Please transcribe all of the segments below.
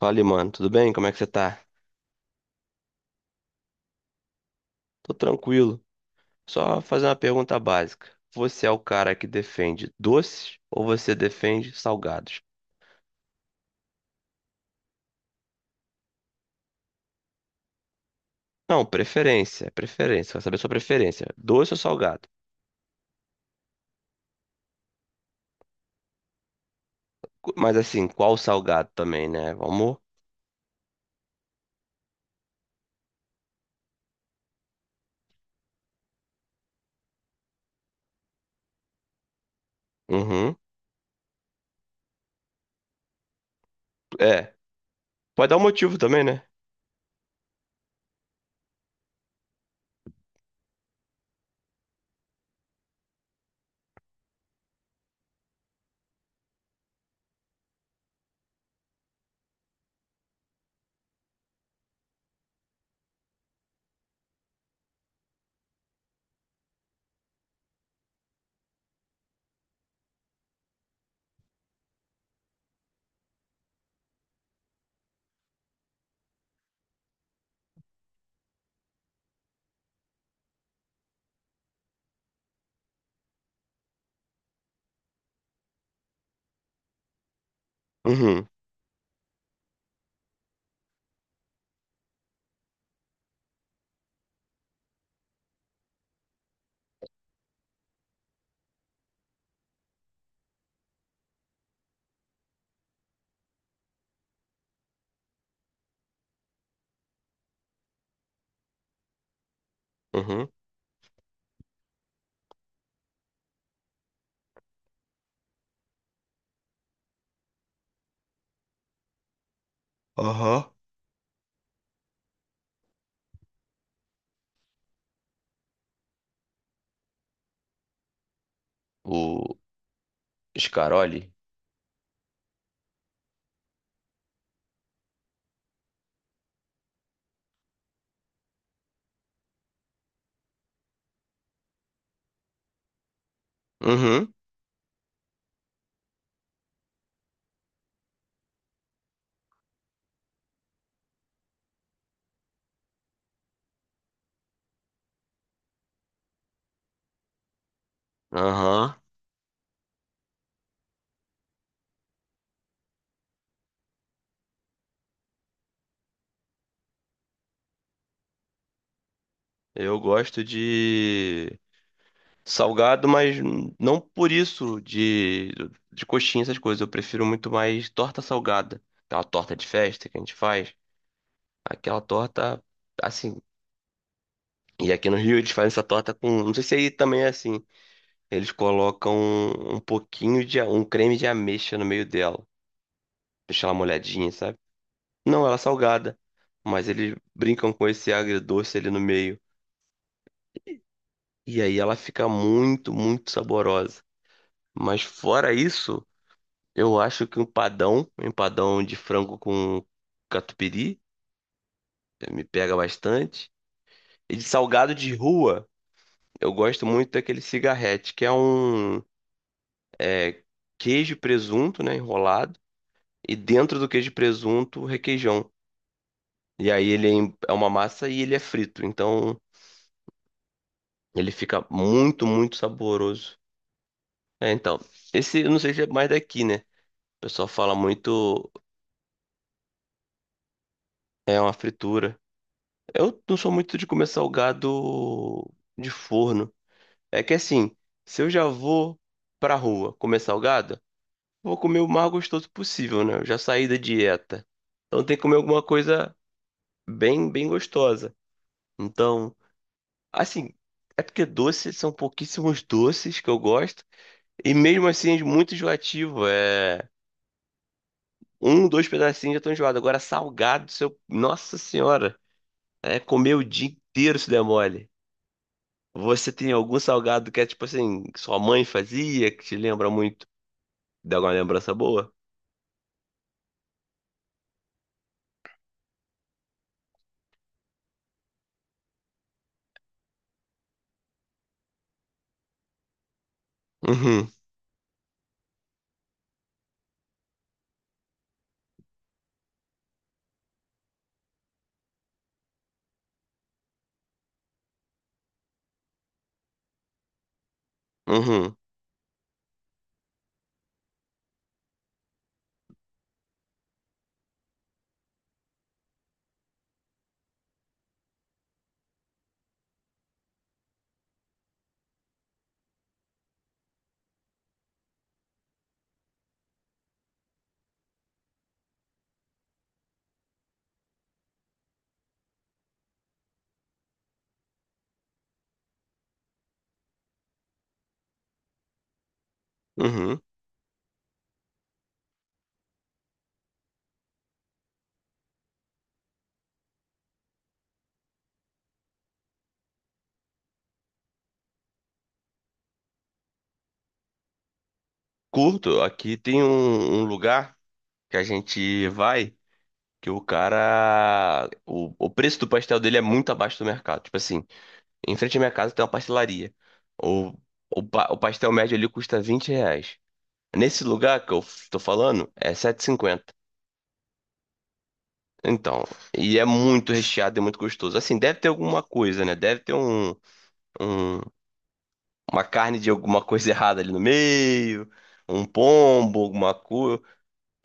Fala, mano, tudo bem? Como é que você tá? Tô tranquilo. Só fazer uma pergunta básica. Você é o cara que defende doces ou você defende salgados? Não, preferência, preferência. Quero saber sua preferência. Doce ou salgado? Mas assim, qual salgado também, né? Vamos. Uhum. É. Pode dar um motivo também, né? Uhum. Uhum. Aham. O Scaroli? Uhum. Aham. Eu gosto de salgado, mas não por isso de coxinha, essas coisas. Eu prefiro muito mais torta salgada. Aquela torta de festa que a gente faz. Aquela torta, assim. E aqui no Rio eles fazem essa torta com. Não sei se aí também é assim. Eles colocam um pouquinho de um creme de ameixa no meio dela. Deixa ela molhadinha, sabe? Não, ela é salgada. Mas eles brincam com esse agridoce ali no meio. E aí ela fica muito, muito saborosa. Mas fora isso, eu acho que um padão, um empadão de frango com catupiry, me pega bastante. E de salgado de rua, eu gosto muito daquele cigarrete, que é um eh, queijo e presunto, né, enrolado, e dentro do queijo e presunto, requeijão. E aí ele é é uma massa e ele é frito, então ele fica muito, muito saboroso. É, então, esse eu não sei se é mais daqui, né? O pessoal fala muito, é uma fritura. Eu não sou muito de comer salgado de forno. É que assim, se eu já vou pra rua comer salgado, vou comer o mais gostoso possível, né? Eu já saí da dieta. Então tem que comer alguma coisa bem, bem gostosa. Então, assim, é porque doces são pouquíssimos doces que eu gosto. E mesmo assim é muito enjoativo. É um, dois pedacinhos já tô enjoado. Agora salgado, seu... Nossa Senhora, é comer o dia inteiro se der mole. Você tem algum salgado que é tipo assim, que sua mãe fazia, que te lembra muito? Dá alguma lembrança boa? Uhum, uhum, uhum. Curto, aqui tem um, um lugar que a gente vai que o cara. O preço do pastel dele é muito abaixo do mercado. Tipo assim, em frente à minha casa tem uma pastelaria. O, o pastel médio ali custa R$ 20. Nesse lugar que eu tô falando, é 7,50. Então, e é muito recheado e muito gostoso. Assim, deve ter alguma coisa, né? Deve ter um- uma carne de alguma coisa errada ali no meio, um pombo, alguma coisa.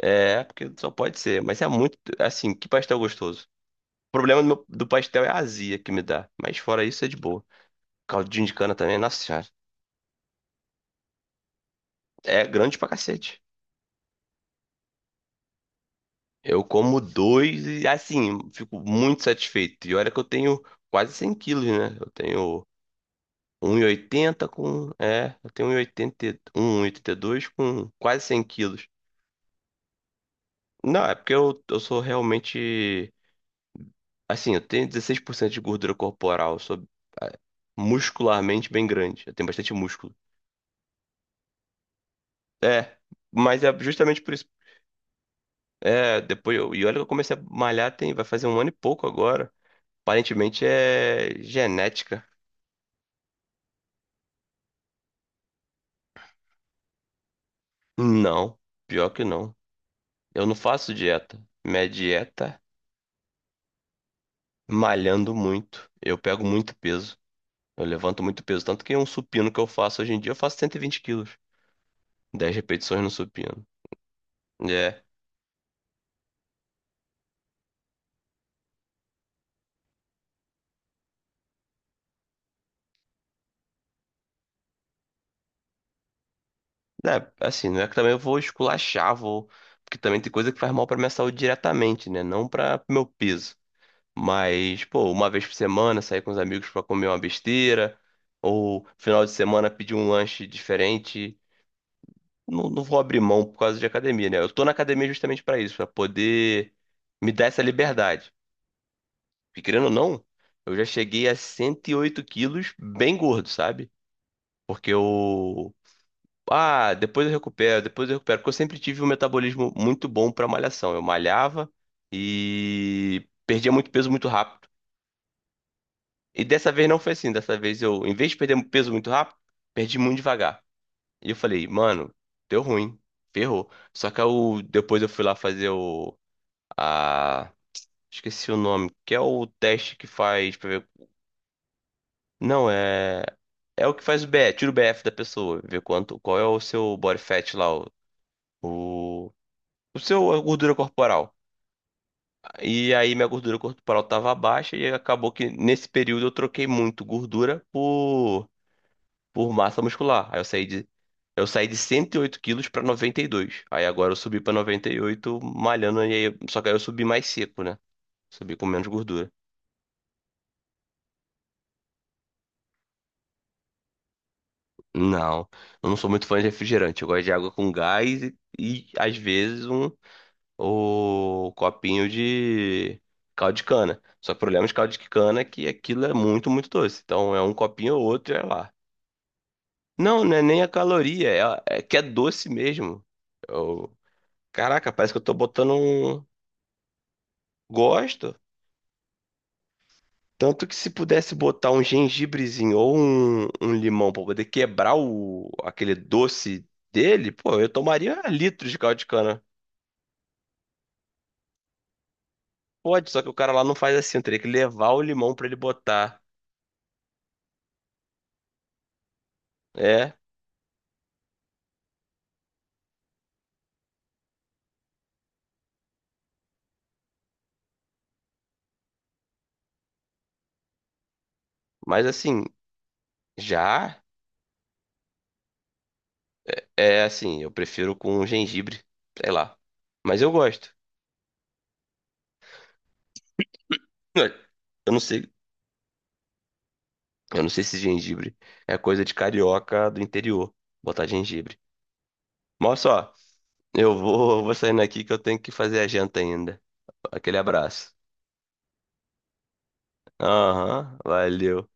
É, porque só pode ser. Mas é muito, assim, que pastel gostoso. O problema do, do pastel é a azia que me dá. Mas fora isso, é de boa. Caldinho de cana também, nossa senhora. É grande pra cacete. Eu como dois e, assim, fico muito satisfeito. E olha que eu tenho quase 100 quilos, né? Eu tenho um e oitenta com... É, eu tenho um 1,80, dois com quase 100 quilos. Não, é porque eu sou realmente. Assim, eu tenho 16% de gordura corporal. Eu sou ah, muscularmente bem grande. Eu tenho bastante músculo. É, mas é justamente por isso. É, depois eu. E olha que eu comecei a malhar tem, vai fazer um ano e pouco agora. Aparentemente é genética. Não, pior que não. Eu não faço dieta. Minha dieta, malhando muito. Eu pego muito peso. Eu levanto muito peso. Tanto que um supino que eu faço hoje em dia, eu faço 120 quilos. 10 repetições no supino. É, né, assim, não é que também eu vou esculachar, vou. Porque também tem coisa que faz mal pra minha saúde diretamente, né? Não pra meu peso. Mas, pô, uma vez por semana sair com os amigos pra comer uma besteira, ou final de semana pedir um lanche diferente. Não, não vou abrir mão por causa de academia, né? Eu tô na academia justamente pra isso, pra poder me dar essa liberdade. Porque querendo ou não, eu já cheguei a 108 quilos bem gordo, sabe? Porque eu. Ah, depois eu recupero, depois eu recupero. Porque eu sempre tive um metabolismo muito bom pra malhação. Eu malhava e perdia muito peso muito rápido. E dessa vez não foi assim. Dessa vez eu, em vez de perder peso muito rápido, perdi muito devagar. E eu falei, mano, deu ruim, ferrou. Só que eu, depois eu fui lá fazer o. A. Esqueci o nome, que é o teste que faz pra ver. Não, é. É o que faz o BF, tira o BF da pessoa, ver quanto, qual é o seu body fat lá, o, o seu a gordura corporal. E aí minha gordura corporal estava baixa e acabou que nesse período eu troquei muito gordura por massa muscular. Aí eu saí de Eu saí de 108 quilos para 92. Aí agora eu subi para 98 malhando e aí, só que aí eu subi mais seco, né? Subi com menos gordura. Não, eu não sou muito fã de refrigerante. Eu gosto de água com gás e às vezes um, o copinho de caldo de cana. Só que o problema de caldo de cana é que aquilo é muito, muito doce. Então é um copinho ou outro e é lá. Não, não é nem a caloria, é é que é doce mesmo. Eu- caraca, parece que eu tô botando um. Gosto. Tanto que se pudesse botar um gengibrezinho ou um limão pra poder quebrar o, aquele doce dele, pô, eu tomaria litros de caldo de cana. Pode, só que o cara lá não faz assim, eu teria que levar o limão pra ele botar. É, mas assim, já é assim, eu prefiro com gengibre, sei lá. Mas eu gosto. Eu não sei, eu não sei se gengibre é coisa de carioca do interior, botar gengibre. Mas olha só, eu vou, vou saindo aqui que eu tenho que fazer a janta ainda. Aquele abraço. Aham, valeu.